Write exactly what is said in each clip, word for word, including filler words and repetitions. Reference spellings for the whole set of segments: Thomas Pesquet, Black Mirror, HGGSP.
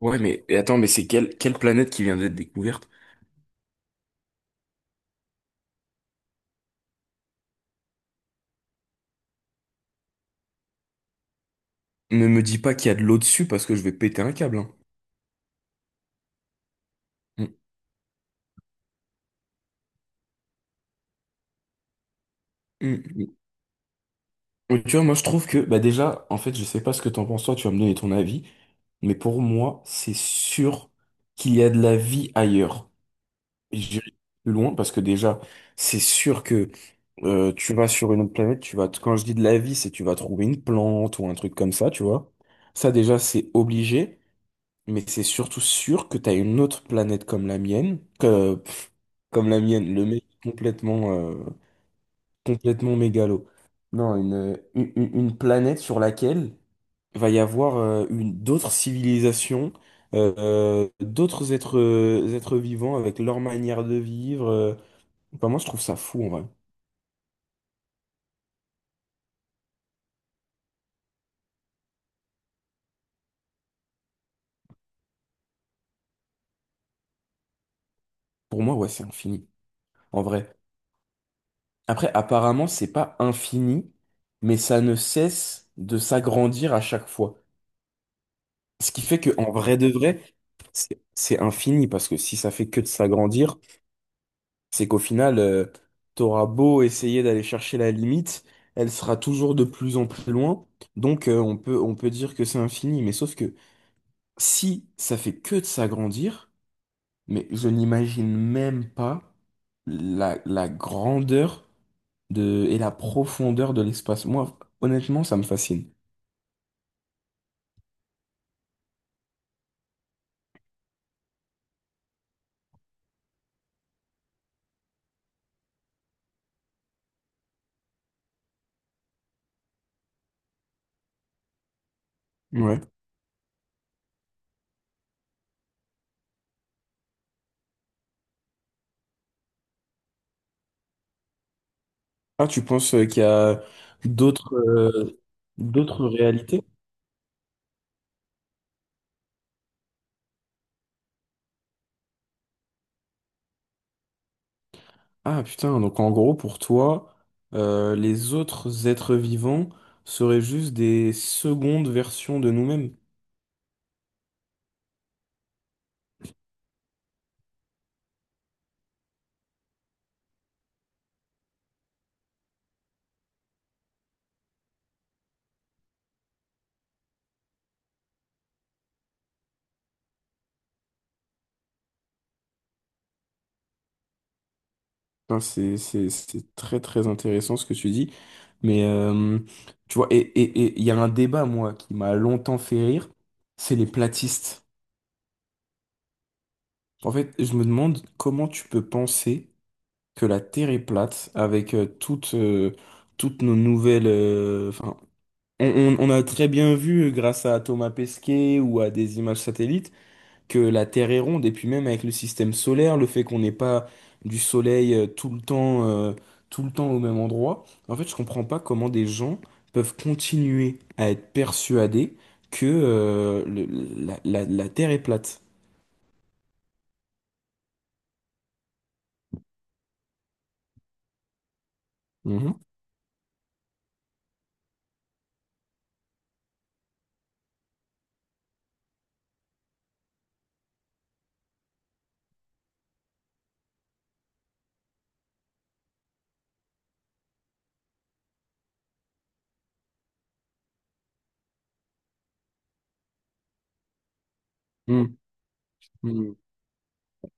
Ouais, mais et attends, mais c'est quelle, quelle planète qui vient d'être découverte? Ne me dis pas qu'il y a de l'eau dessus parce que je vais péter un câble, hein. Mm, mm, mm. Tu vois, moi je trouve que, bah déjà, en fait, je sais pas ce que t'en penses, toi, tu vas me donner ton avis, mais pour moi, c'est sûr qu'il y a de la vie ailleurs. Et j'irai plus loin parce que déjà, c'est sûr que euh, tu vas sur une autre planète, tu vas, quand je dis de la vie, c'est tu vas trouver une plante ou un truc comme ça, tu vois. Ça, déjà, c'est obligé. Mais c'est surtout sûr que t'as une autre planète comme la mienne, comme la mienne, le mec complètement, euh, complètement mégalo. Non, une, une, une- une planète sur laquelle va y avoir euh, une d'autres civilisations, euh, euh, d'autres êtres, euh, êtres vivants avec leur manière de vivre. euh. Enfin, moi, je trouve ça fou en vrai. Pour moi, ouais, c'est infini, en vrai. Après, apparemment, c'est pas infini, mais ça ne cesse de s'agrandir à chaque fois. Ce qui fait que en vrai de vrai, c'est c'est infini parce que si ça fait que de s'agrandir, c'est qu'au final, euh, t'auras beau essayer d'aller chercher la limite, elle sera toujours de plus en plus loin. Donc, euh, on peut, on peut dire que c'est infini. Mais sauf que si ça fait que de s'agrandir, mais je n'imagine même pas la, la grandeur de, et la profondeur de l'espace. Moi, honnêtement, ça me fascine. Ouais. Ah, tu penses euh, qu'il y a d'autres euh, d'autres réalités? Ah putain, donc en gros pour toi, euh, les autres êtres vivants seraient juste des secondes versions de nous-mêmes. Non, c'est, c'est, c'est très très intéressant ce que tu dis. Mais euh, tu vois, et et- et il y a un débat, moi, qui m'a longtemps fait rire, c'est les platistes. En fait, je me demande comment tu peux penser que la Terre est plate avec euh, toutes, euh, toutes nos nouvelles euh, enfin, on, on- on a très bien vu, euh, grâce à Thomas Pesquet ou à des images satellites, que la Terre est ronde, et puis même avec le système solaire, le fait qu'on n'ait pas du soleil euh, tout le temps, euh, tout le temps au même endroit, en fait, je comprends pas comment des gens peuvent continuer à être persuadés que euh, le- la, la- la Terre est plate. Mhm. Mhm.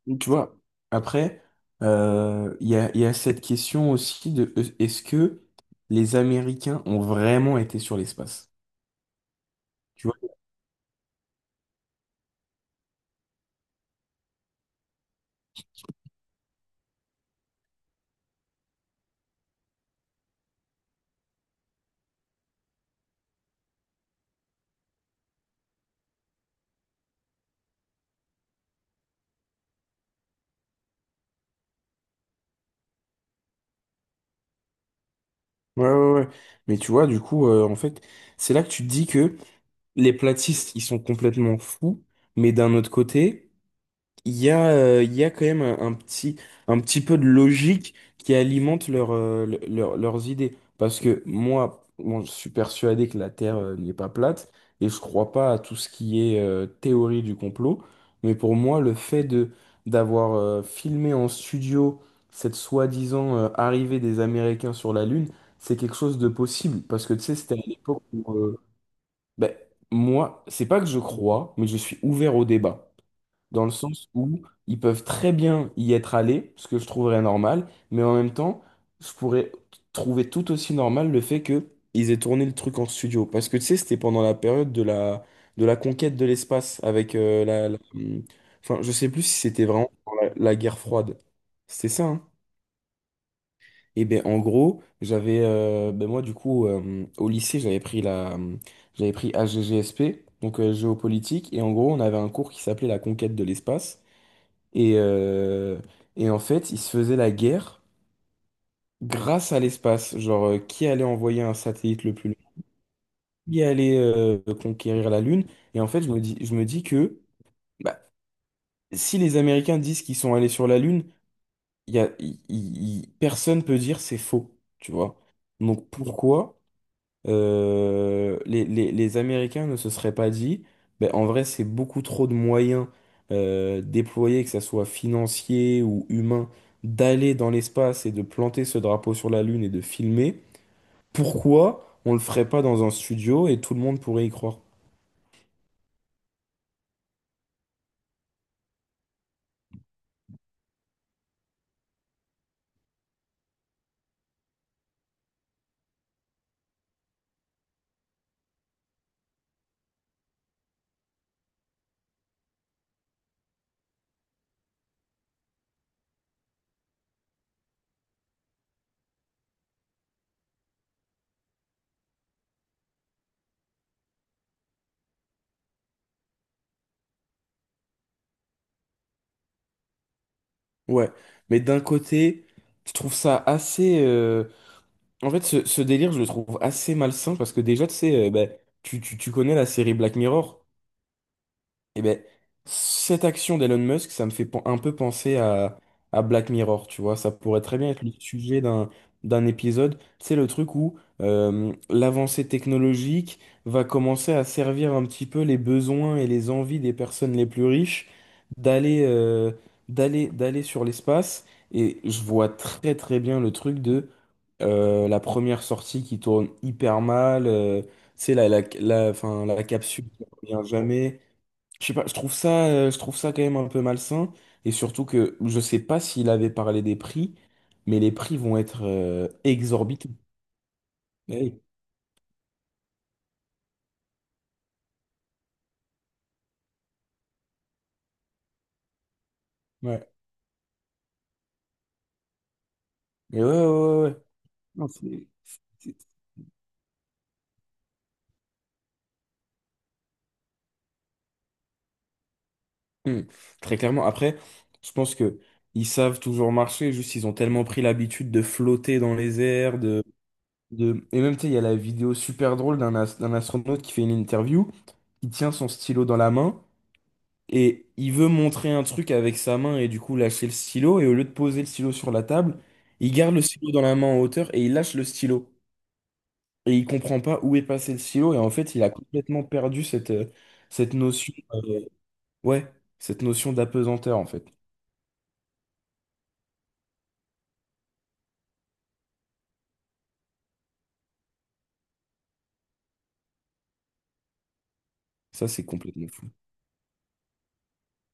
Mhm. Tu vois, après, euh, il y a, il y a cette question aussi de euh, est-ce que les Américains ont vraiment été sur l'espace? Tu vois. Ouais, ouais, ouais. Mais tu vois, du coup, euh, en fait, c'est là que tu te dis que les platistes, ils sont complètement fous, mais d'un autre côté, il y a, euh, il y a quand même un, un petit, un petit peu de logique qui alimente leur, euh, le- leur- leurs idées. Parce que moi, bon, je suis persuadé que la Terre, euh, n'est pas plate, et je crois pas à tout ce qui est, euh, théorie du complot, mais pour moi, le fait de, d'avoir, euh, filmé en studio cette soi-disant, euh, arrivée des Américains sur la Lune, c'est quelque chose de possible. Parce que tu sais, c'était à l'époque où euh, ben, moi, c'est pas que je crois, mais je suis ouvert au débat. Dans le sens où ils peuvent très bien y être allés, ce que je trouverais normal, mais en même temps, je pourrais trouver tout aussi normal le fait que ils aient tourné le truc en studio. Parce que tu sais, c'était pendant la période de la, de la conquête de l'espace avec euh, la, la- hum, Enfin, je sais plus si c'était vraiment pendant la, la guerre froide. C'était ça, hein. Et ben en gros, j'avais euh, ben moi du coup euh, au lycée, j'avais pris la euh, j'avais pris H G G S P, donc euh, géopolitique et en gros, on avait un cours qui s'appelait la conquête de l'espace et euh, et en fait, il se faisait la guerre grâce à l'espace, genre euh, qui allait envoyer un satellite le plus loin, qui allait euh, conquérir la Lune et en fait, je me dis je me dis que bah, si les Américains disent qu'ils sont allés sur la Lune, il y a il- il- il- personne peut dire c'est faux, tu vois. Donc pourquoi euh, les, les- les Américains ne se seraient pas dit, ben, en vrai, c'est beaucoup trop de moyens euh, déployés, que ça soit financier ou humain, d'aller dans l'espace et de planter ce drapeau sur la Lune et de filmer. Pourquoi on le ferait pas dans un studio et tout le monde pourrait y croire? Ouais, mais d'un côté, je trouve ça assez euh, en fait, ce, ce délire, je le trouve assez malsain parce que déjà, tu sais, euh, ben, tu, tu, tu connais la série Black Mirror. Eh ben, cette action d'Elon Musk, ça me fait pen- un peu penser à, à Black Mirror, tu vois. Ça pourrait très bien être le sujet d'un d'un épisode. C'est le truc où euh, l'avancée technologique va commencer à servir un petit peu les besoins et les envies des personnes les plus riches d'aller euh, d'aller d'aller sur l'espace. Et je vois très très bien le truc de euh, la première sortie qui tourne hyper mal. Euh, c'est la, la, la, enfin, la capsule qui revient jamais. Je sais pas, je trouve ça, euh, je trouve ça quand même un peu malsain. Et surtout que je sais pas s'il avait parlé des prix, mais les prix vont être euh, exorbitants. Eh oui, ouais. Mais ouais, ouais, ouais. Ouais. Non, c'est- c'est- ouais. Hmm. Très clairement. Après, je pense que ils savent toujours marcher, juste ils ont tellement pris l'habitude de flotter dans les airs, de, de Et même, tu sais, il y a la vidéo super drôle d'un as- d'un astronaute qui fait une interview, qui tient son stylo dans la main. Et il veut montrer un truc avec sa main et du coup lâcher le stylo. Et au lieu de poser le stylo sur la table, il garde le stylo dans la main en hauteur et il lâche le stylo. Et il comprend pas où est passé le stylo. Et en fait, il a complètement perdu cette, euh, cette notion, euh, ouais, cette notion d'apesanteur en fait. Ça, c'est complètement fou.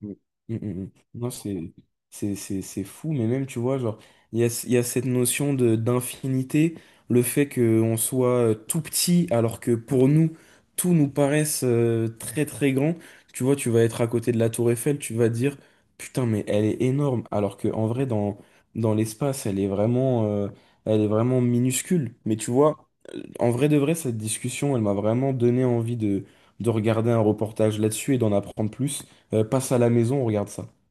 Mm, mm, mm. mm. Non, c'est c'est- c'est- c'est fou, mais même, tu vois, genre, il y a, il y a cette notion de d'infinité, le fait qu'on soit euh, tout petit, alors que pour nous, tout nous paraisse euh, très très grand. Tu vois, tu vas être à côté de la tour Eiffel, tu vas dire, putain, mais elle est énorme, alors que en vrai, dans, dans l'espace, elle est vraiment, euh, elle est vraiment minuscule. Mais tu vois, euh, en vrai de vrai, cette discussion, elle m'a vraiment donné envie de, de regarder un reportage là-dessus et d'en apprendre plus euh, passe à la maison, on regarde ça.